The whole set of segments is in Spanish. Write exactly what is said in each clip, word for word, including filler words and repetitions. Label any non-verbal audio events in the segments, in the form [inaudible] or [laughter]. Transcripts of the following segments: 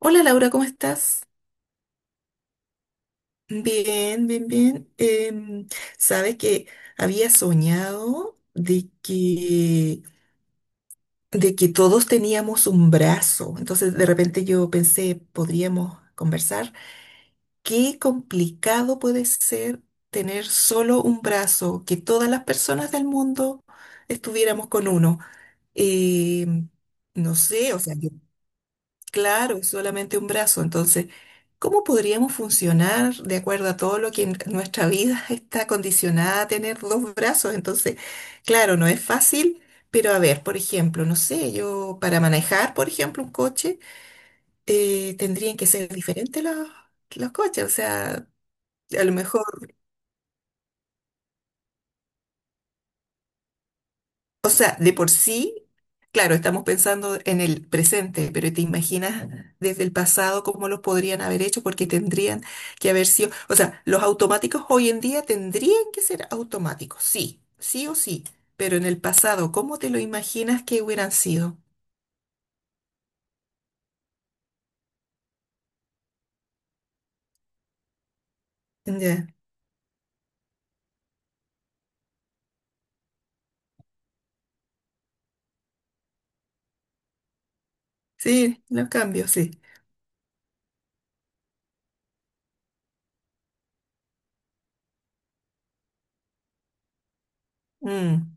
Hola Laura, ¿cómo estás? Bien, bien, bien. Em, sabes que había soñado de que, de que todos teníamos un brazo. Entonces de repente yo pensé, podríamos conversar. Qué complicado puede ser tener solo un brazo, que todas las personas del mundo estuviéramos con uno. Em, no sé, o sea, yo... Claro, es solamente un brazo. Entonces, ¿cómo podríamos funcionar de acuerdo a todo lo que en nuestra vida [laughs] está condicionada a tener dos brazos? Entonces, claro, no es fácil, pero a ver, por ejemplo, no sé, yo para manejar, por ejemplo, un coche, eh, tendrían que ser diferentes los, los coches. O sea, a lo mejor. O sea, de por sí, claro, estamos pensando en el presente, pero te imaginas desde el pasado cómo los podrían haber hecho, porque tendrían que haber sido, o sea, los automáticos hoy en día tendrían que ser automáticos, sí, sí o sí, pero en el pasado, ¿cómo te lo imaginas que hubieran sido? Ya. Sí, los cambios, sí. Mm.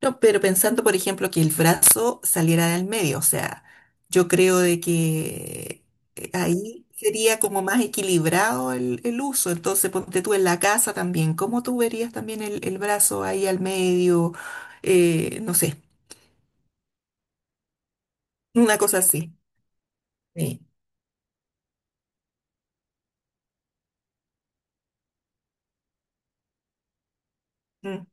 No, pero pensando, por ejemplo, que el brazo saliera del medio, o sea, yo creo de que eh, ahí sería como más equilibrado el, el uso. Entonces, ponte tú en la casa también, ¿cómo tú verías también el, el brazo ahí al medio? Eh, no sé, una cosa así. Sí. Sí.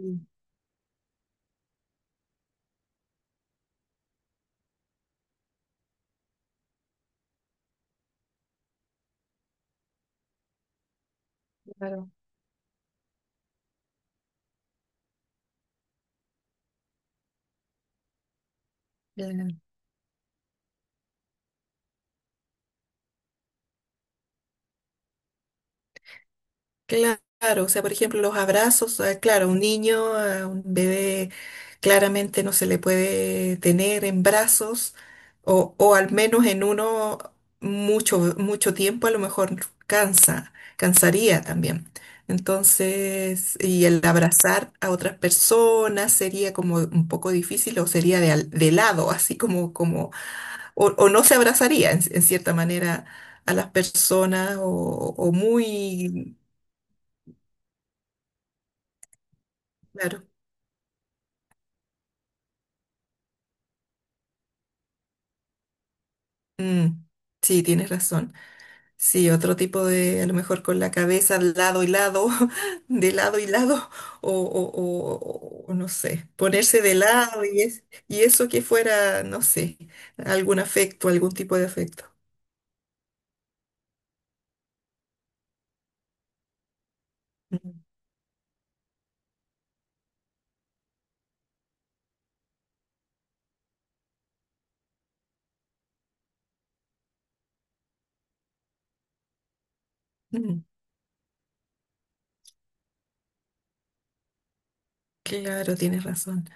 Mm. Sí, claro. Claro, o sea, por ejemplo, los abrazos, eh, claro, un niño, a un bebé claramente no se le puede tener en brazos o, o al menos en uno mucho, mucho tiempo, a lo mejor cansa, cansaría también. Entonces, y el abrazar a otras personas sería como un poco difícil o sería de, al- de lado, así como, como, o, o no se abrazaría en, en cierta manera a las personas o o muy... Claro. Mm, sí, tienes razón. Sí, otro tipo de, a lo mejor con la cabeza al lado y lado, [laughs] de lado y lado, o, o- o- o no sé, ponerse de lado y, es, y eso que fuera, no sé, algún afecto, algún tipo de afecto. Mm, mm, claro, tienes razón.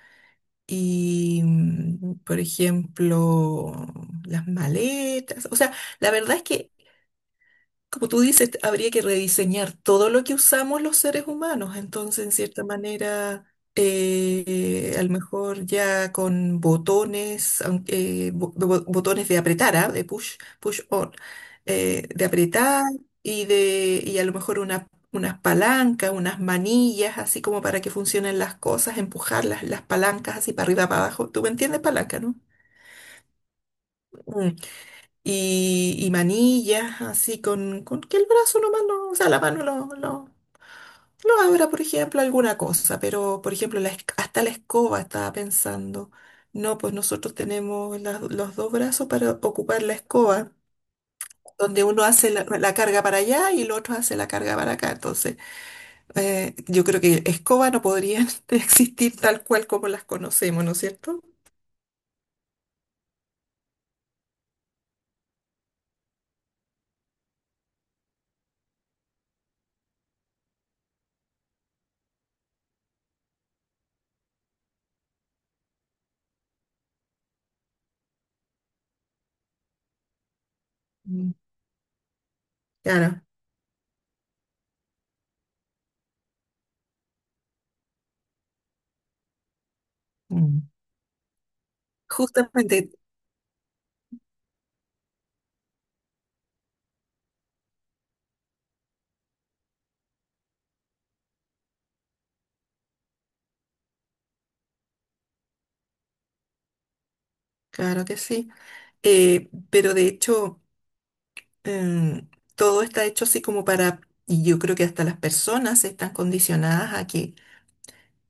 Y, mm, por ejemplo, las maletas, o sea, la verdad es que... Como tú dices, habría que rediseñar todo lo que usamos los seres humanos. Entonces, en cierta manera, eh, a lo mejor ya con botones, aunque, eh, bo- bo- botones de apretar, ¿ah? De push, push on, eh, de apretar y de, y a lo mejor una- unas palancas, unas manillas, así como para que funcionen las cosas, empujar las, las palancas así para arriba, para abajo. ¿Tú me entiendes, palanca, no? Y, y manillas, así con, con que el brazo nomás no, o sea, la mano lo, lo, lo abra, por ejemplo, alguna cosa, pero por ejemplo, la esc- hasta la escoba estaba pensando. No, pues nosotros tenemos las- los dos brazos para ocupar la escoba, donde uno hace la, la carga para allá y el otro hace la carga para acá. Entonces, eh, yo creo que escoba no podrían [laughs] existir tal cual como las conocemos, ¿no es cierto? Mm. Claro. Mm. Justamente, claro que sí. Eh, pero de hecho. em, Todo está hecho así como para, y yo creo que hasta las personas están condicionadas a que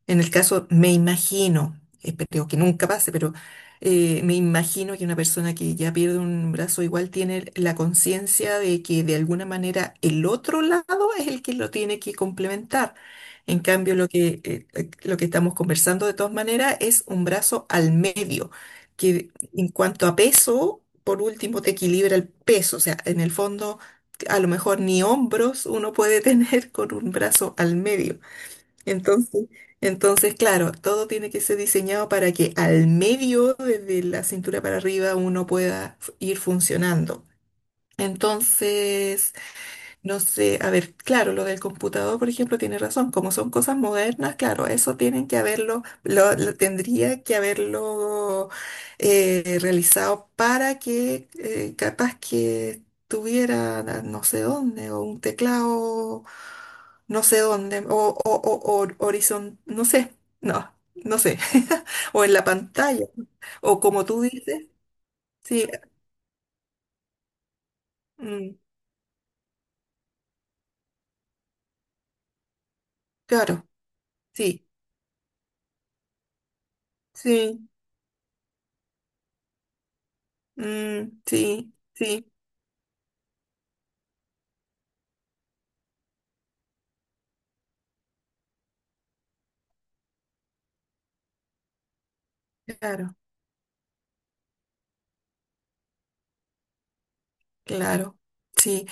en el caso, me imagino, espero que nunca pase, pero eh, me imagino que una persona que ya pierde un brazo igual tiene la conciencia de que de alguna manera el otro lado es el que lo tiene que complementar. En cambio, lo que, eh, eh, lo que estamos conversando de todas maneras es un brazo al medio, que en cuanto a peso, por último, te equilibra el peso. O sea, en el fondo, a lo mejor ni hombros uno puede [laughs] tener con un brazo al medio. Entonces, entonces, claro, todo tiene que ser diseñado para que al medio, desde la cintura para arriba, uno pueda f- ir funcionando. Entonces, no sé, a ver, claro, lo del computador, por ejemplo, tiene razón. Como son cosas modernas, claro, eso tienen que haberlo, lo, lo tendría que haberlo eh, realizado para que eh, capaz que tuviera na- no sé dónde, o un teclado, no sé dónde, o, o, o, o horizon, no sé, no, no sé, [laughs] o en la pantalla, o como tú dices, sí, mm, claro, sí, sí, mm, sí, sí. Claro, claro, sí.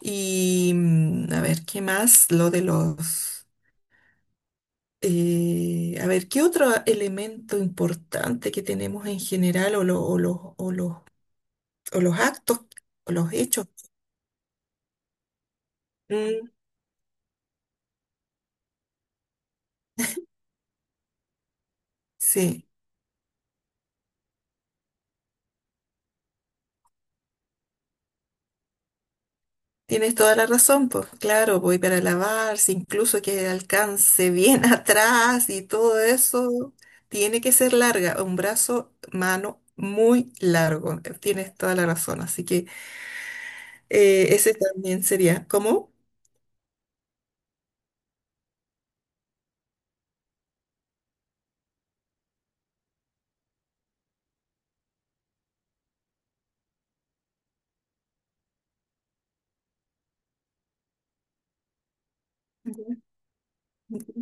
Y mm, a ver, ¿qué más? Lo de los... eh, A ver, ¿qué otro elemento importante que tenemos en general o, lo- o los, o los, o los actos o los hechos? Mm, sí, tienes toda la razón, pues claro, voy para lavarse, incluso que alcance bien [laughs] atrás y todo eso, tiene que ser larga, un brazo, mano muy largo, tienes toda la razón, así que... Eh, ese también sería, ¿cómo? Ujú, ujú.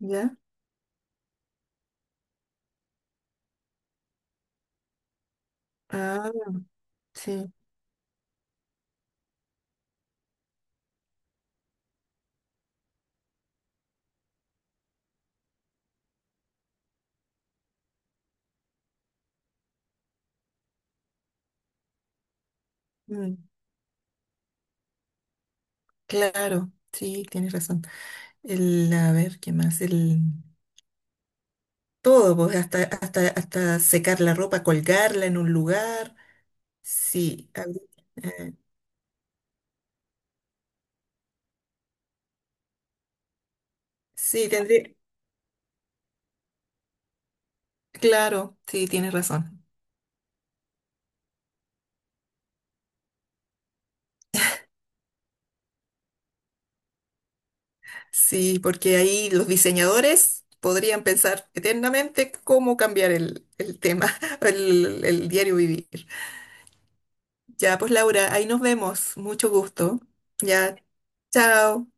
¿Ya? Ah, sí. Mm, claro, sí, tienes razón. El, a ver, ¿qué más? El todo, pues, hasta, hasta, hasta secar la ropa, colgarla en un lugar. Sí, habría- eh, sí, tendría. Claro, sí, tienes razón. Sí, porque ahí los diseñadores podrían pensar eternamente cómo cambiar el, el tema, [laughs] el, el diario vivir. Ya, pues Laura, ahí nos vemos. Mucho gusto. Ya, chao.